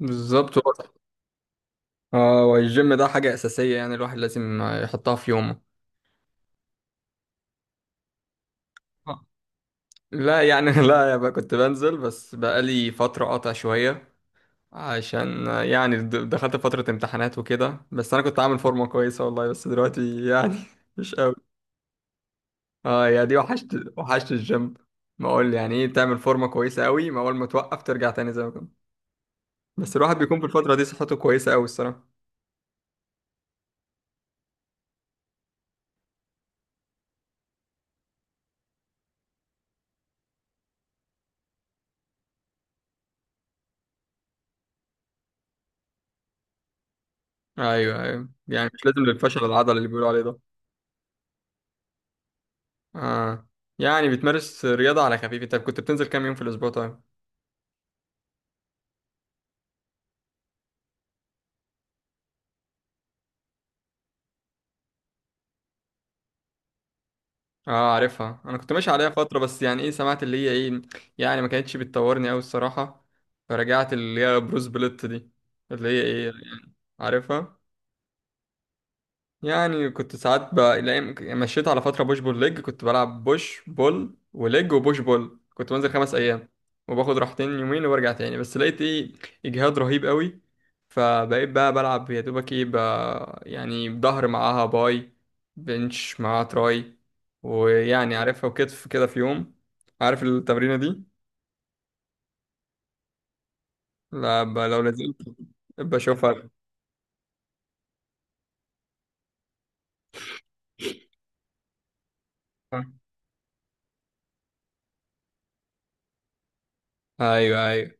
بالظبط. اه، والجيم ده حاجة أساسية، يعني الواحد لازم يحطها في يومه. لا يعني لا يا بقى، كنت بنزل بس بقالي فترة قاطع شوية، عشان يعني دخلت فترة امتحانات وكده، بس أنا كنت عامل فورمة كويسة والله، بس دلوقتي يعني مش قوي. اه يا دي وحشت. وحشت الجيم. ما أقول يعني إيه، تعمل فورمة كويسة قوي، ما أول ما توقف ترجع تاني زي ما كنت. بس الواحد بيكون في الفترة دي صحته كويسة قوي الصراحة. أيوه، أيوه، يعني مش لازم للفشل العضلي اللي بيقولوا عليه ده. اه، يعني بتمارس رياضة على خفيف؟ انت كنت بتنزل كام يوم في الاسبوع طيب؟ اه، عارفها، انا كنت ماشي عليها فترة، بس يعني ايه، سمعت اللي هي ايه. يعني ما كانتش بتطورني قوي الصراحة. فرجعت اللي هي بروس بليت دي. اللي هي ايه يعني، عارفها. يعني كنت ساعات مشيت على فترة بوش بول ليج، كنت بلعب بوش بول وليج وبوش بول، كنت بنزل خمس أيام، وباخد راحتين يومين وبرجع تاني، بس لقيت إيه، إجهاد رهيب قوي. فبقيت بقى بلعب يا دوبك إيه يعني ظهر معاها باي، بنش معاها تراي، ويعني عارفها، وكتف كده في يوم. عارف التمرينة دي؟ لا، لو نزلت بشوفها. أيوه، أيوه.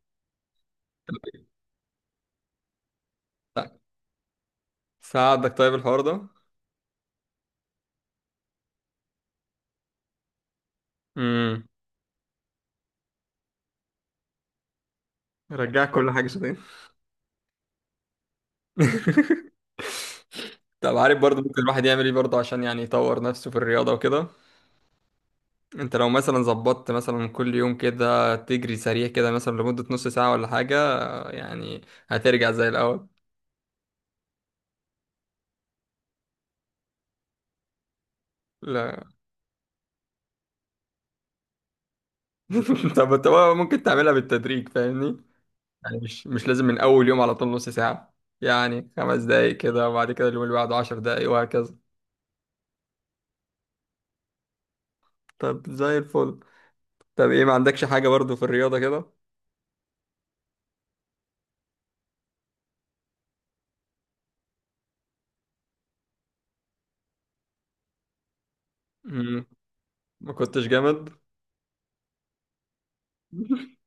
ساعدك طيب الحوار ده؟ امم. رجعك كل حاجة. طب عارف برضه، ممكن الواحد يعمل ايه برضه عشان يعني يطور نفسه في الرياضة وكده؟ انت لو مثلا ظبطت مثلا كل يوم كده تجري سريع كده مثلا لمدة نص ساعة ولا حاجة، يعني هترجع زي الأول. لا. طب انت بقى ممكن تعملها بالتدريج، فاهمني؟ يعني مش لازم من أول يوم على طول نص ساعة. يعني خمس دقايق كده، وبعد كده اليوم اللي بعده عشر دقايق وهكذا. طب زي الفل. طب ايه، ما عندكش حاجة برضه في الرياضة كده؟ مم. ما كنتش جامد؟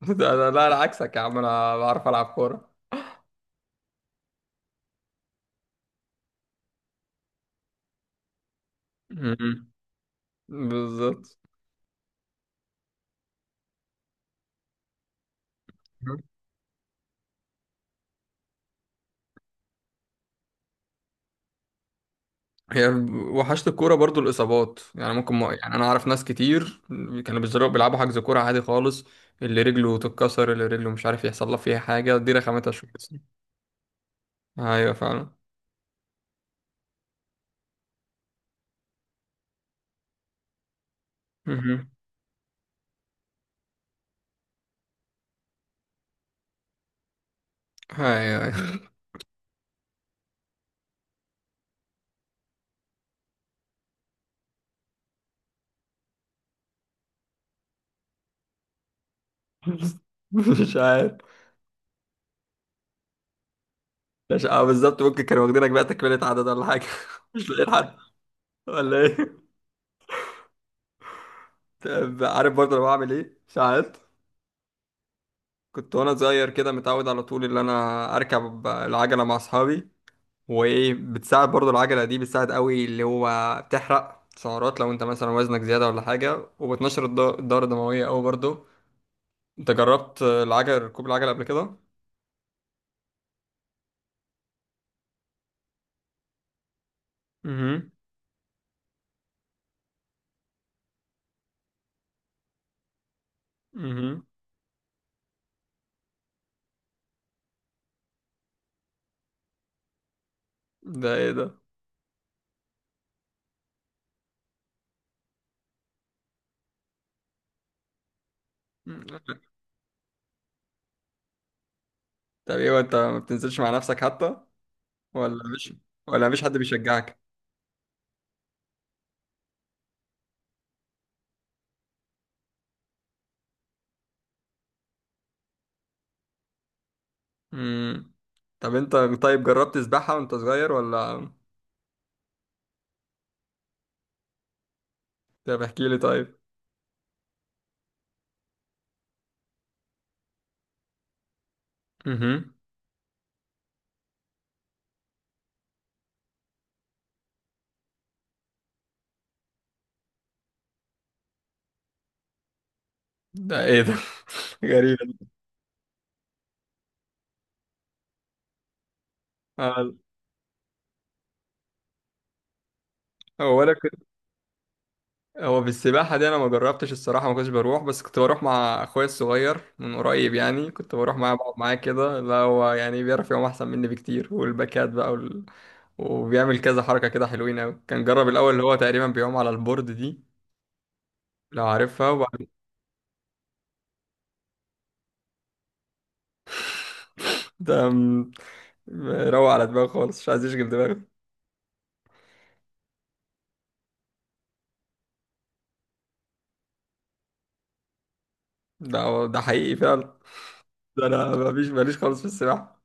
ده انا، لا، انا عكسك يا عم، انا بعرف العب كوره. مم. بالظبط. هي. وحشت الكوره برضو، الاصابات يعني ممكن، ما يعني انا اعرف ناس كتير كانوا بيزرقوا بيلعبوا حجز كوره عادي خالص، اللي رجله تتكسر، اللي رجله مش عارف يحصل له فيها حاجه، دي رخامتها شويه. ايوه فعلا مهم. ايوه، أيوة. مش عارف. مش، بالظبط، ممكن كانوا واخدينك بقى تكمله عدد ولا حاجه، مش لاقيين حد. ولا ايه؟ طب عارف برضه انا بعمل ايه ساعات؟ كنت وانا صغير كده، متعود على طول ان انا اركب العجله مع اصحابي. وايه، بتساعد برضو العجله دي، بتساعد قوي اللي هو، بتحرق سعرات لو انت مثلا وزنك زياده ولا حاجه، وبتنشر الدوره الدمويه قوي برضو. انت جربت ركوب العجله قبل كده؟ امم. امم. ده ايه ده؟ مم. طب ايه وانت ما بتنزلش مع نفسك حتى؟ ولا مش ولا مفيش حد بيشجعك؟ امم. طب انت طيب جربت سباحه وانت صغير ولا؟ طب احكي لي طيب. امم. ده ايه ده؟ غريب. آه. هو انا كنت هو في السباحه دي انا ما جربتش الصراحه، ما كنتش بروح، بس كنت بروح مع اخويا الصغير من قريب، يعني كنت بروح معاه بقعد معاه كده، لا هو يعني بيعرف يعوم احسن مني بكتير، والباكات بقى وبيعمل كذا حركه كده، حلوين قوي، كان جرب الاول اللي هو تقريبا بيعوم على البورد دي، لو عارفها، ده م- روق على دماغه خالص، مش عايز يشغل دماغه. ده هو ده حقيقي فعلا. ده انا مفيش، ماليش خالص في السباحه.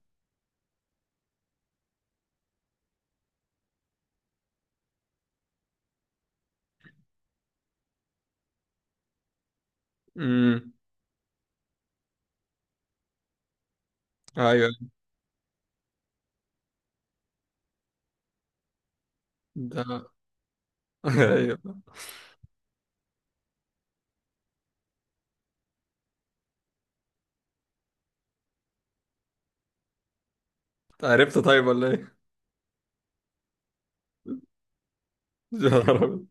امم. ايوه. ده ايوه. عرفت طيب ولا ايه؟ يا نهار أبيض.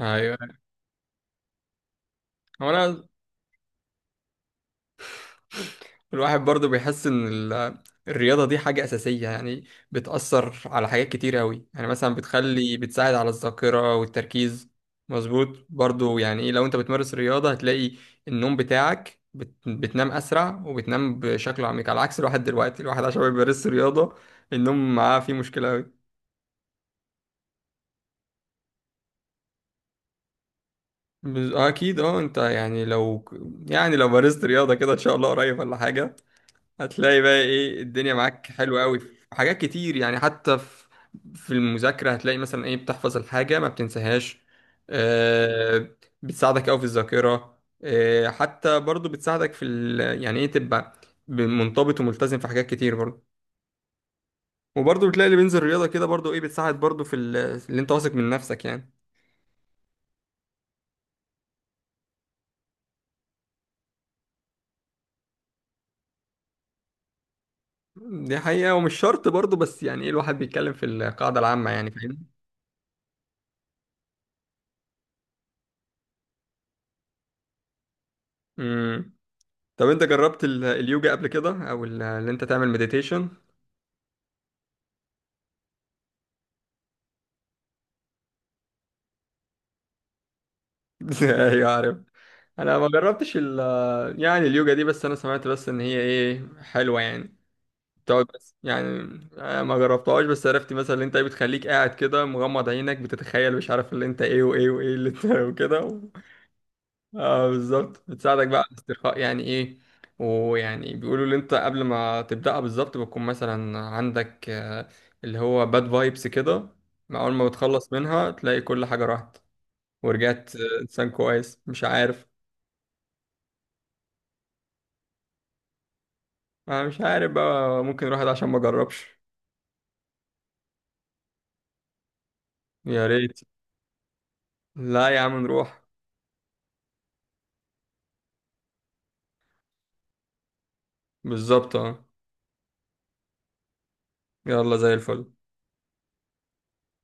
ايوه. هو انا الواحد برضو بيحس ان الرياضه دي حاجه اساسيه، يعني بتاثر على حاجات كتير قوي، يعني مثلا بتخلي، بتساعد على الذاكره والتركيز. مظبوط برضو. يعني إيه، لو انت بتمارس رياضه، هتلاقي النوم بتاعك بتنام اسرع وبتنام بشكل عميق، على عكس الواحد دلوقتي، الواحد عشان ما بيمارس رياضه، النوم معاه فيه مشكله قوي. اكيد. اه، انت يعني لو مارست رياضه كده ان شاء الله قريب ولا حاجه، هتلاقي بقى ايه الدنيا معاك حلوة قوي في حاجات كتير، يعني حتى في المذاكرة هتلاقي مثلا ايه، بتحفظ الحاجة ما بتنساهاش. آه، بتساعدك قوي في الذاكرة. آه، حتى برضو بتساعدك يعني ايه، تبقى منضبط وملتزم في حاجات كتير برضو. وبرضو بتلاقي اللي بينزل رياضة كده برضو ايه، بتساعد برضو اللي انت واثق من نفسك يعني. دي حقيقة، ومش شرط برضو، بس يعني ايه الواحد بيتكلم في القاعدة العامة، يعني فاهم. مم. طب انت جربت اليوجا قبل كده، او اللي انت تعمل مديتيشن؟ ايوه عارف. انا ما جربتش يعني اليوجا دي، بس انا سمعت بس ان هي ايه حلوه، يعني بتقعد بس يعني. آه، ما جربتهاش، بس عرفت مثلا اللي انت إيه بتخليك قاعد كده مغمض عينك، بتتخيل مش عارف اللي انت ايه وايه وايه اللي انت وكده. اه بالظبط، بتساعدك بقى على الاسترخاء، يعني ايه. ويعني بيقولوا اللي انت قبل ما تبدأها بالظبط بتكون مثلا عندك اللي هو باد فايبس كده، مع اول ما بتخلص منها تلاقي كل حاجة راحت ورجعت انسان كويس، مش عارف. انا مش عارف بقى، ممكن نروح ده عشان ما جربش. يا ريت. لا يا عم، نروح. بالظبط اه. يلا زي الفل.